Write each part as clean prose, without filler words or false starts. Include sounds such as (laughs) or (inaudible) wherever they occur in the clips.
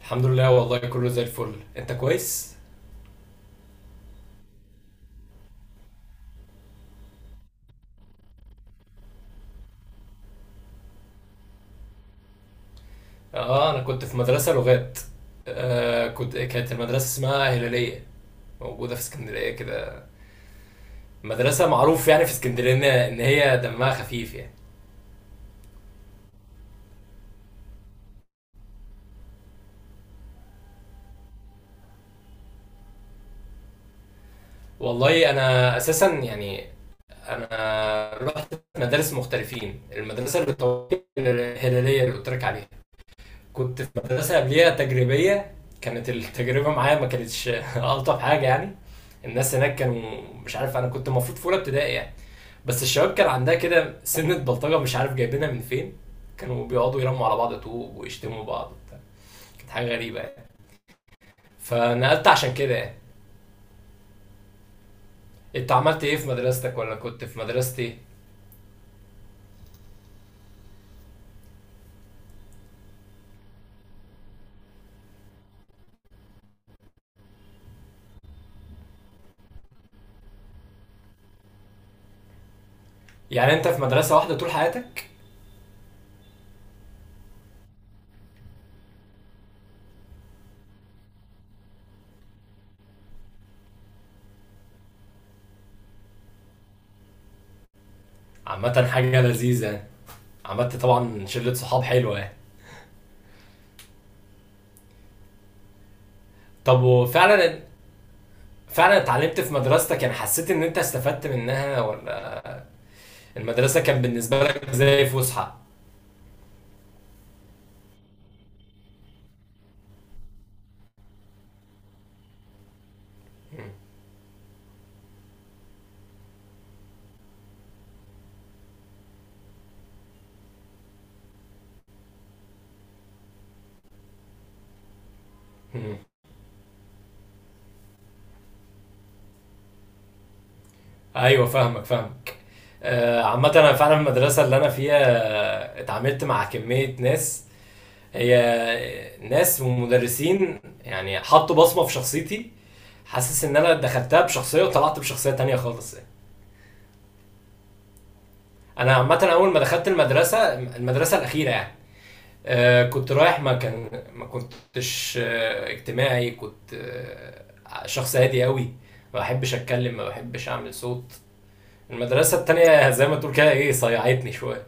الحمد لله والله كله زي الفل. انت كويس؟ اه، انا كنت في مدرسة لغات. آه كنت كانت المدرسة اسمها هلالية، موجودة في اسكندرية كده. مدرسة معروف يعني في اسكندرية ان هي دمها خفيف يعني. والله انا اساسا يعني، انا رحت مدارس مختلفين. المدرسة اللي الهلالية اللي قلت لك عليها، كنت في مدرسة قبليها تجريبية. كانت التجربة معايا ما كانتش (laughs) ألطف حاجة يعني. الناس هناك كانوا، مش عارف، انا كنت المفروض في اولى ابتدائي يعني، بس الشباب كان عندها كده سنة بلطجة مش عارف جايبينها من فين. كانوا بيقعدوا يرموا على بعض طوب ويشتموا بعض وبتاع. كانت حاجة غريبة يعني. فنقلت عشان كده يعني. انت عملت ايه في مدرستك ولا كنت في مدرستي ايه؟ يعني انت في مدرسة واحدة طول حياتك؟ عامة حاجة لذيذة يعني. عملت طبعا شلة صحاب حلوة يعني. طب، وفعلا، فعلا اتعلمت في مدرستك؟ يعني حسيت ان انت استفدت منها، ولا المدرسة كان بالنسبة لك زي فسحة؟ ايوه، فاهمك فاهمك. عامة انا فعلا في المدرسة اللي انا فيها اتعاملت مع كمية ناس، هي ناس ومدرسين، يعني حطوا بصمة في شخصيتي. حاسس ان انا دخلتها بشخصية وطلعت بشخصية تانية خالص يعني. انا عامة اول ما دخلت المدرسة الاخيرة، يعني كنت رايح، ما كنتش اجتماعي. كنت شخص هادي قوي، ما بحبش اتكلم، ما بحبش اعمل صوت. المدرسة التانية زي ما تقول كده ايه، صيعتني شوية.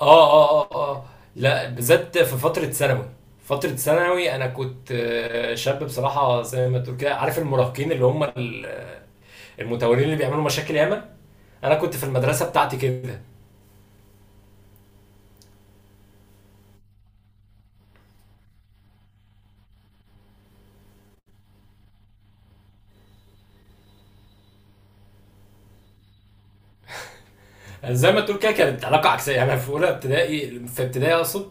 اه، اه، اه، اه، لا، بالذات في فترة ثانوي. فترة ثانوي انا كنت شاب بصراحة، زي ما تقول كده، عارف المراهقين اللي هم المتورين اللي بيعملوا مشاكل ياما. انا كنت في المدرسة بتاعتي كده. يعني زي ما تقول كده كانت علاقة عكسية. يعني انا في اولى ابتدائي، في ابتدائي اقصد،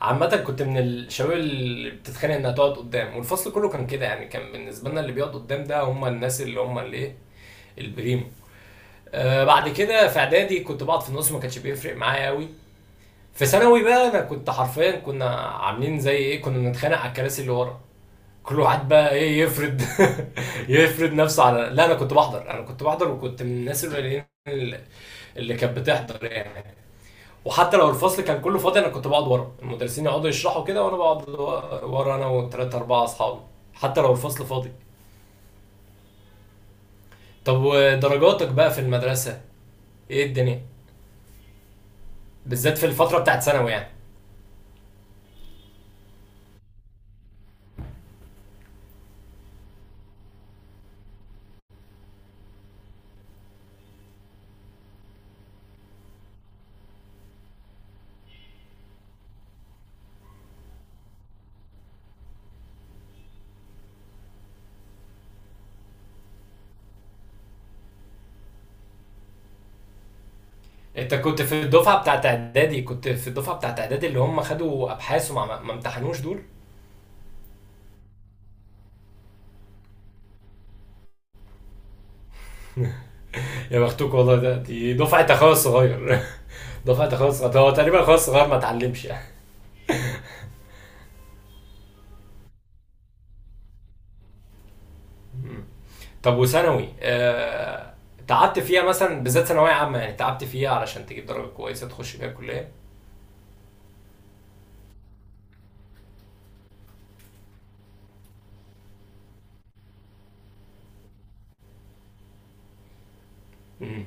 عامة كنت من الشباب اللي بتتخانق انها تقعد قدام، والفصل كله كان كده. يعني كان بالنسبة لنا، اللي بيقعد قدام ده هم الناس اللي هم اللي ايه، البريم. بعد كده في اعدادي كنت بقعد في النص، ما كانش بيفرق معايا قوي. في ثانوي بقى انا كنت حرفيا، كنا عاملين زي ايه، كنا بنتخانق على الكراسي اللي ورا. كل واحد بقى ايه، يفرد (laughs) يفرد نفسه على... لا، انا كنت بحضر، وكنت من الناس القليلين اللي كانت بتحضر يعني. وحتى لو الفصل كان كله فاضي، انا كنت بقعد ورا. المدرسين يقعدوا يشرحوا كده وانا بقعد ورا، انا وثلاثة اربعة اصحابي، حتى لو الفصل فاضي. طب، ودرجاتك بقى في المدرسة، ايه الدنيا؟ بالذات في الفترة بتاعت ثانوي يعني. انت كنت في الدفعه بتاعت اعدادي، اللي هم خدوا ابحاث وما ما ما امتحنوش دول؟ يا بختوك والله. ده دفعه اخويا الصغير. (laughs) دفعه اخويا الصغير، هو تقريبا اخويا الصغير ما اتعلمش يعني. مم. طب، وثانوي. تعبت فيها مثلا، بالذات ثانويه عامه، يعني تعبت فيها علشان تجيب درجه كويسه تخش بيها الكليه؟ مم.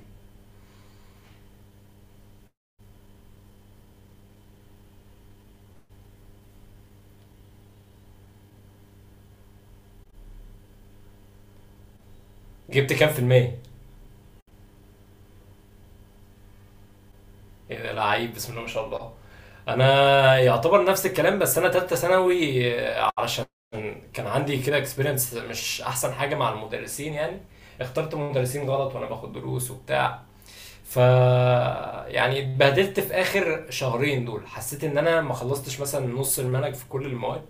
جبت كام في المية؟ ايه ده، لعيب، بسم الله ما شاء الله. انا يعتبر نفس الكلام، بس انا تالتة ثانوي علشان كان عندي كده اكسبيرينس مش احسن حاجه مع المدرسين يعني. اخترت مدرسين غلط وانا باخد دروس وبتاع. ف يعني اتبهدلت في اخر شهرين دول، حسيت ان انا ما خلصتش مثلا نص المنهج في كل المواد.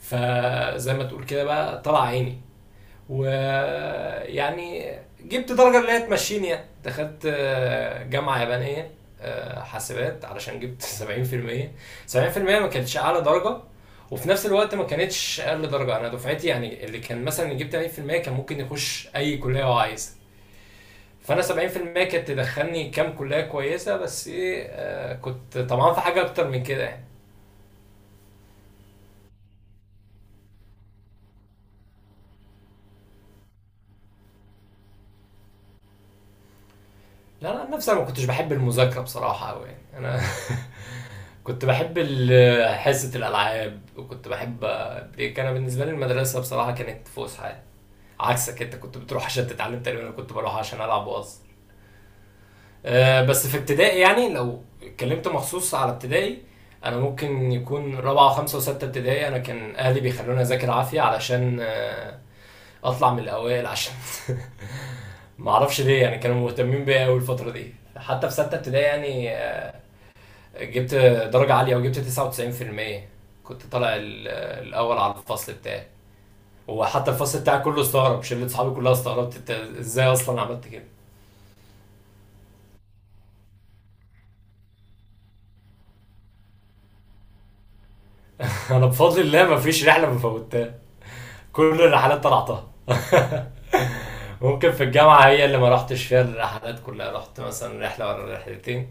فزي ما تقول كده بقى طلع عيني ويعني، جبت درجة اللي هي تمشيني، يعني دخلت جامعة يابانية، حاسبات، علشان جبت (laughs) 70%. ما كانتش أعلى درجة، وفي نفس الوقت ما كانتش أقل درجة. أنا دفعتي يعني، اللي كان مثلا يجيب 80% كان ممكن يخش أي كلية هو عايزها، فأنا 70% كانت تدخلني كام كلية كويسة، بس إيه، كنت طمعان في حاجة أكتر من كده يعني. لا، أنا نفسي، ما كنتش بحب المذاكرة بصراحة أوي، يعني أنا (laughs) كنت بحب حصة الألعاب، وكنت بحب بريك. أنا بالنسبة لي المدرسة بصراحة كانت فسحة. عكسك، أنت كنت بتروح عشان تتعلم، تقريبا أنا كنت بروح عشان ألعب وأهزر. بس في ابتدائي يعني، لو اتكلمت مخصوص على ابتدائي، أنا ممكن يكون رابعة وخمسة وستة ابتدائي، أنا كان أهلي بيخلوني أذاكر عافية علشان أطلع من الأوائل، عشان (laughs) معرفش ليه، يعني كانوا مهتمين بيا أوي الفترة دي. حتى في ستة ابتدائي يعني جبت درجة عالية، وجبت 99%. كنت طالع الأول على الفصل بتاعي. وحتى الفصل بتاعي كله استغرب، شلة صحابي كلها استغربت، انت ازاي اصلا عملت كده. (laughs) انا بفضل الله ما فيش رحلة ما فوتها، كل الرحلات طلعتها. (laughs) ممكن في الجامعة هي اللي ما رحتش فيها الرحلات كلها، رحت مثلا رحلة ولا رحلتين،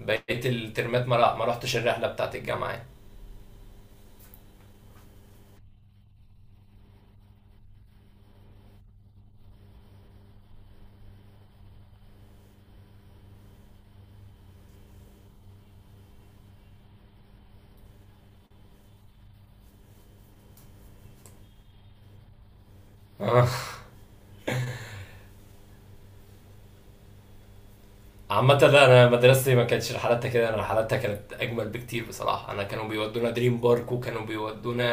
بقيت الترمات ما رحتش الرحلة بتاعت الجامعة يعني. (laughs) عامة لا، انا مدرستي ما كانتش رحلاتها كده، انا رحلاتها كانت اجمل بكتير بصراحة. انا كانوا بيودونا دريم بارك، وكانوا بيودونا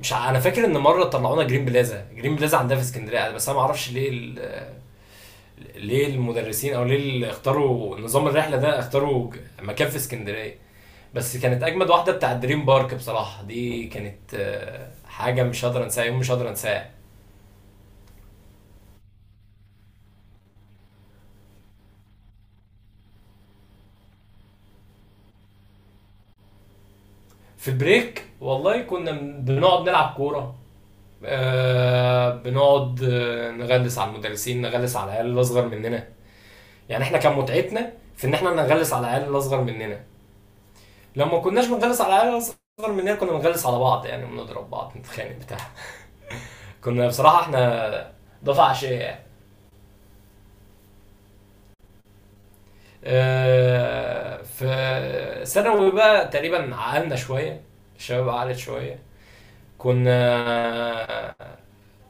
مش ع... انا فاكر ان مرة طلعونا جرين بلازا. جرين بلازا عندها في اسكندرية، بس انا ما اعرفش ليه ليه المدرسين، او ليه اللي اختاروا نظام الرحلة ده اختاروا مكان في اسكندرية. بس كانت اجمد واحدة بتاع دريم بارك بصراحة، دي كانت حاجة مش هقدر انساها، يوم مش هقدر انساه. في البريك والله كنا بنقعد نلعب كورة، بنقعد نغلس على المدرسين، نغلس على العيال الاصغر مننا. يعني احنا كان متعتنا في ان احنا نغلس على العيال الاصغر مننا. لما كناش بنغلس على العيال الاصغر مننا، كنا بنغلس على بعض، يعني بنضرب بعض نتخانق بتاع. (applause) كنا بصراحه احنا دفعه عشيه يعني. في ثانوي بقى تقريبا عقلنا شويه، الشباب عقلت شويه. كنا،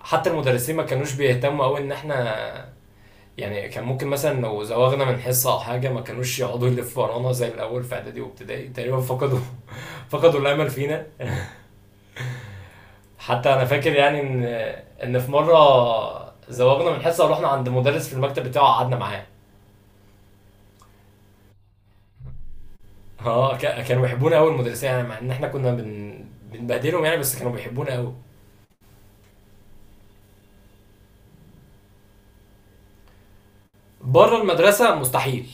حتى المدرسين ما كانوش بيهتموا قوي ان احنا، يعني كان ممكن مثلا لو زوغنا من حصة أو حاجة ما كانوش يقعدوا يلفوا ورانا زي الأول في إعدادي وابتدائي. تقريبا فقدوا (laughs) فقدوا الأمل فينا. حتى أنا فاكر يعني إن في مرة زوغنا من حصة ورحنا عند مدرس في المكتب بتاعه، قعدنا معاه. اه، كانوا بيحبونا قوي المدرسين يعني، مع إن إحنا كنا بنبهدلهم يعني، بس كانوا بيحبونا قوي. بره المدرسة مستحيل.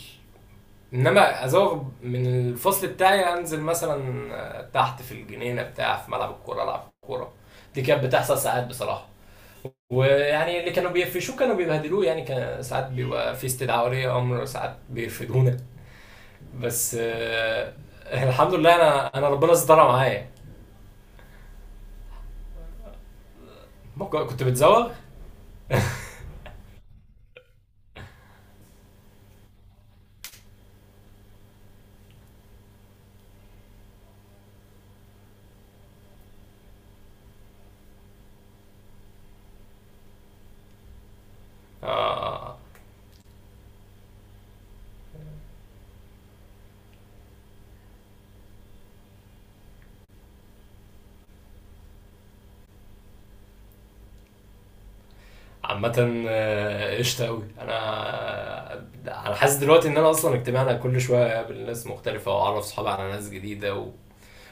انما ازوغ من الفصل بتاعي، انزل مثلا تحت في الجنينه بتاع، في ملعب الكوره العب كوره. دي كانت بتحصل ساعات بصراحه. ويعني اللي كانوا بيقفشوه كانوا بيبهدلوه، يعني كان ساعات بيبقى في استدعاء ولي امر، ساعات بيرفدونا. بس الحمد لله. انا ربنا استرها معايا. كنت بتزوغ. آه عامة قشطة أوي أنا. أنا حاسس دلوقتي إن أنا أصلا اجتماعنا كل شوية، أقابل ناس مختلفة وأعرف صحابي على ناس جديدة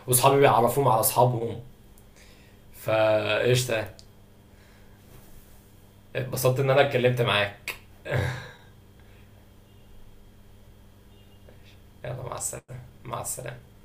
واصحابي بيعرفوهم على اصحابهم. فقشطه. اتبسطت ان انا اتكلمت معاك. يلا، مع السلامه مع السلامه.